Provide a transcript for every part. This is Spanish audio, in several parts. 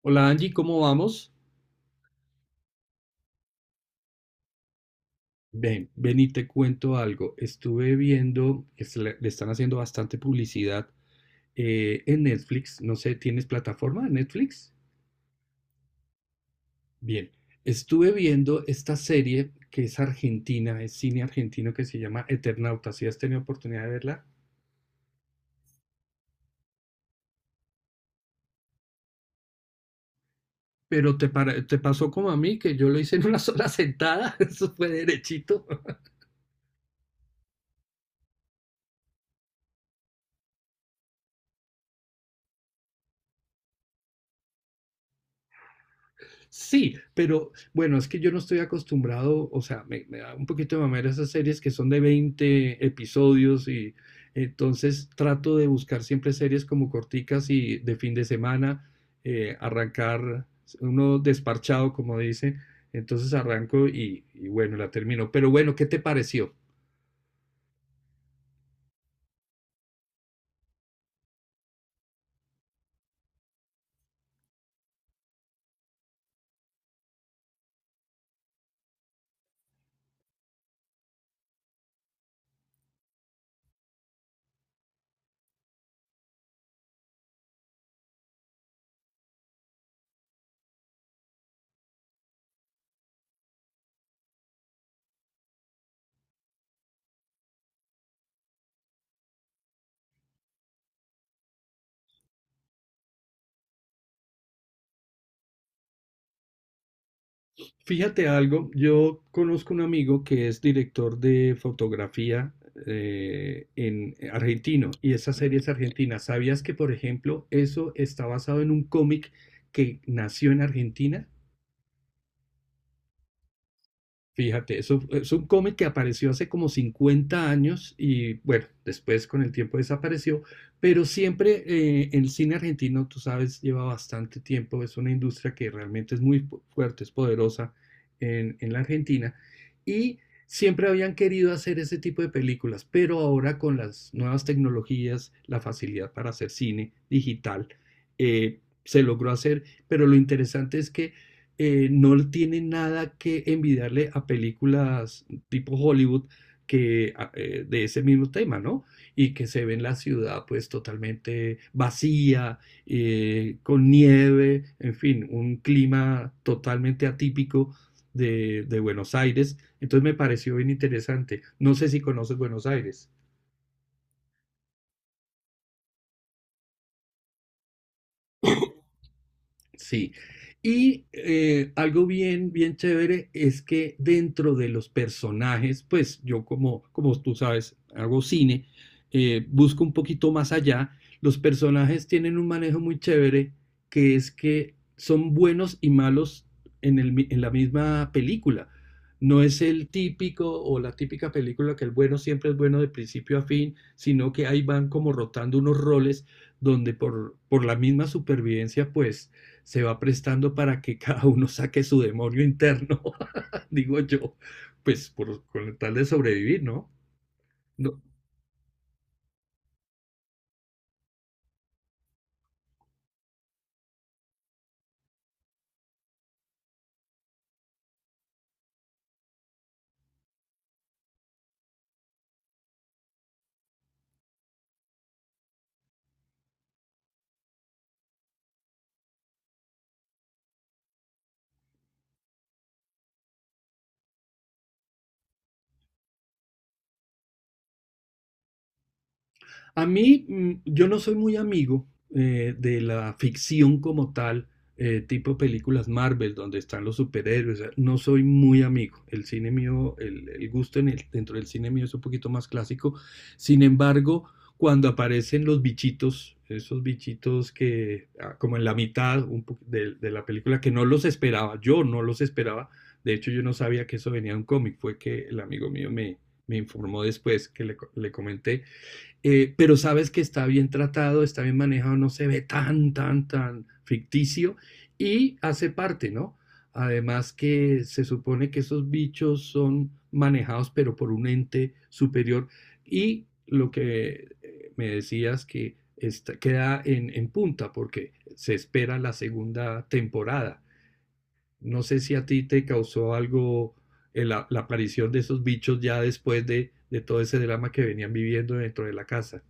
Hola, Angie, ¿cómo vamos? Ven, ven y te cuento algo. Estuve viendo que le están haciendo bastante publicidad en Netflix. No sé, ¿tienes plataforma de Netflix? Bien, estuve viendo esta serie que es argentina, es cine argentino que se llama Eternauta. ¿Si has tenido oportunidad de verla? Te pasó como a mí, que yo lo hice en una sola sentada. Eso fue derechito. Sí, pero bueno, es que yo no estoy acostumbrado, o sea, me da un poquito de mamera esas series que son de 20 episodios y entonces trato de buscar siempre series como corticas y de fin de semana, arrancar uno desparchado, como dice, entonces arranco y bueno, la termino. Pero bueno, ¿qué te pareció? Fíjate algo, yo conozco un amigo que es director de fotografía, en argentino, y esa serie es argentina. ¿Sabías que, por ejemplo, eso está basado en un cómic que nació en Argentina? Fíjate, es es un cómic que apareció hace como 50 años y bueno, después con el tiempo desapareció, pero siempre, el cine argentino, tú sabes, lleva bastante tiempo, es una industria que realmente es muy fuerte, es poderosa en la Argentina, y siempre habían querido hacer ese tipo de películas, pero ahora con las nuevas tecnologías, la facilidad para hacer cine digital, se logró hacer, pero lo interesante es que, no tiene nada que envidiarle a películas tipo Hollywood que de ese mismo tema, ¿no? Y que se ve en la ciudad pues totalmente vacía, con nieve, en fin, un clima totalmente atípico de Buenos Aires. Entonces me pareció bien interesante. No sé si conoces Buenos Aires. Sí. Y, algo bien, bien chévere es que dentro de los personajes, pues yo, como como tú sabes, hago cine, busco un poquito más allá. Los personajes tienen un manejo muy chévere, que es que son buenos y malos en en la misma película. No es el típico o la típica película que el bueno siempre es bueno de principio a fin, sino que ahí van como rotando unos roles donde por la misma supervivencia, pues se va prestando para que cada uno saque su demonio interno, digo yo, pues con tal de sobrevivir, ¿no? ¿No? A mí, yo no soy muy amigo, de la ficción como tal, tipo películas Marvel, donde están los superhéroes. No soy muy amigo. El cine mío, el gusto dentro del cine mío es un poquito más clásico. Sin embargo, cuando aparecen los bichitos, esos bichitos que, ah, como en la mitad de la película, que no los esperaba, yo no los esperaba. De hecho, yo no sabía que eso venía de un cómic. Fue que el amigo mío me informó después que le comenté. Pero sabes que está bien tratado, está bien manejado, no se ve tan ficticio, y hace parte, ¿no? Además que se supone que esos bichos son manejados pero por un ente superior, y lo que, me decías que queda en punta porque se espera la segunda temporada. No sé si a ti te causó algo, la aparición de esos bichos ya después de todo ese drama que venían viviendo dentro de la casa.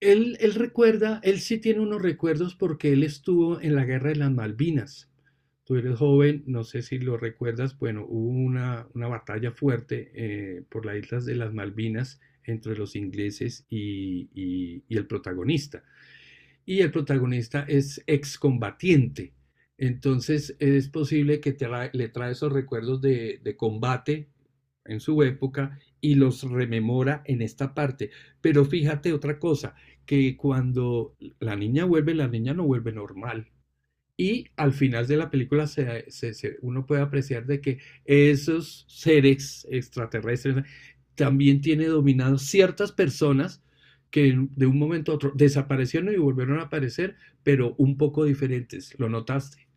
Él recuerda, él sí tiene unos recuerdos porque él estuvo en la guerra de las Malvinas. Tú eres joven, no sé si lo recuerdas. Bueno, hubo una batalla fuerte, por las islas de las Malvinas entre los ingleses y el protagonista, y el protagonista es excombatiente. Entonces es posible que te tra le trae esos recuerdos de combate en su época, y los rememora en esta parte. Pero fíjate otra cosa, que cuando la niña vuelve, la niña no vuelve normal. Y al final de la película uno puede apreciar de que esos seres extraterrestres también tiene dominados ciertas personas que de un momento a otro desaparecieron y volvieron a aparecer, pero un poco diferentes. ¿Lo notaste?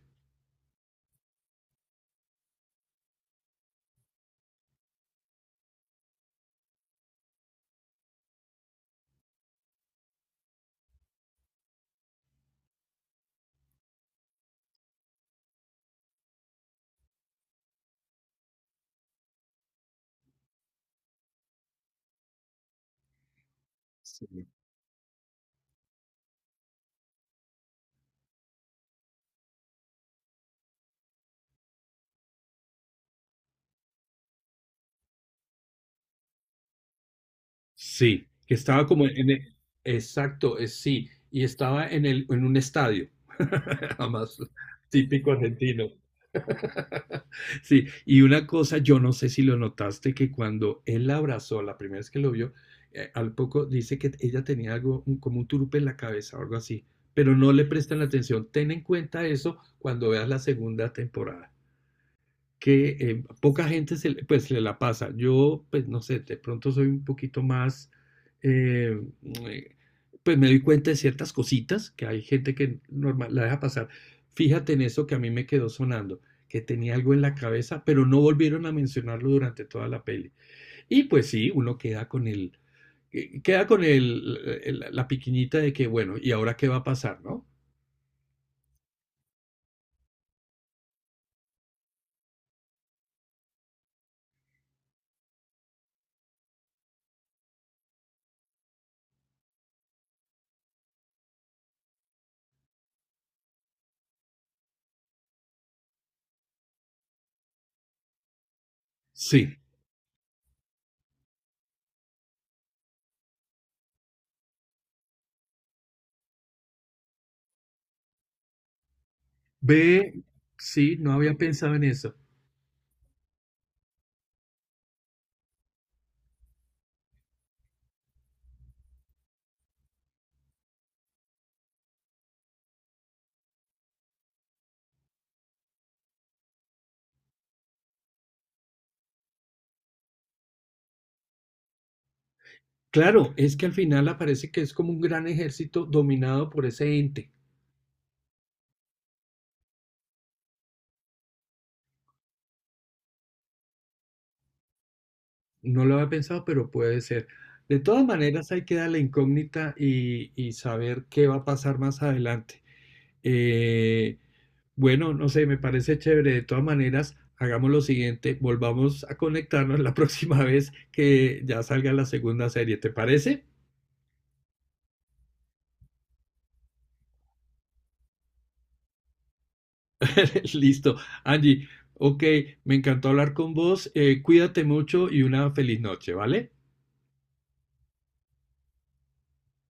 Sí, que estaba como exacto, es sí, y estaba en un estadio. Jamás, típico argentino. Sí, y una cosa, yo no sé si lo notaste, que cuando él la abrazó, la primera vez que lo vio, al poco dice que ella tenía algo, como un turupe en la cabeza o algo así, pero no le prestan atención. Ten en cuenta eso cuando veas la segunda temporada, que, poca gente se le la pasa. Yo, pues no sé, de pronto soy un poquito más, eh, eh, pues me doy cuenta de ciertas cositas que hay gente que normal, la deja pasar. Fíjate en eso, que a mí me quedó sonando, que tenía algo en la cabeza, pero no volvieron a mencionarlo durante toda la peli. Y pues sí, uno queda con el, queda con la piquiñita de que, bueno, ¿y ahora qué va a pasar, no? Sí, ve, sí, no había pensado en eso. Claro, es que al final aparece que es como un gran ejército dominado por ese ente. No lo había pensado, pero puede ser. De todas maneras, hay que dar la incógnita y saber qué va a pasar más adelante. Eh, bueno, no sé, me parece chévere. De todas maneras, hagamos lo siguiente, volvamos a conectarnos la próxima vez que ya salga la segunda serie, ¿te parece? Listo. Angie, ok, me encantó hablar con vos. Cuídate mucho y una feliz noche, ¿vale?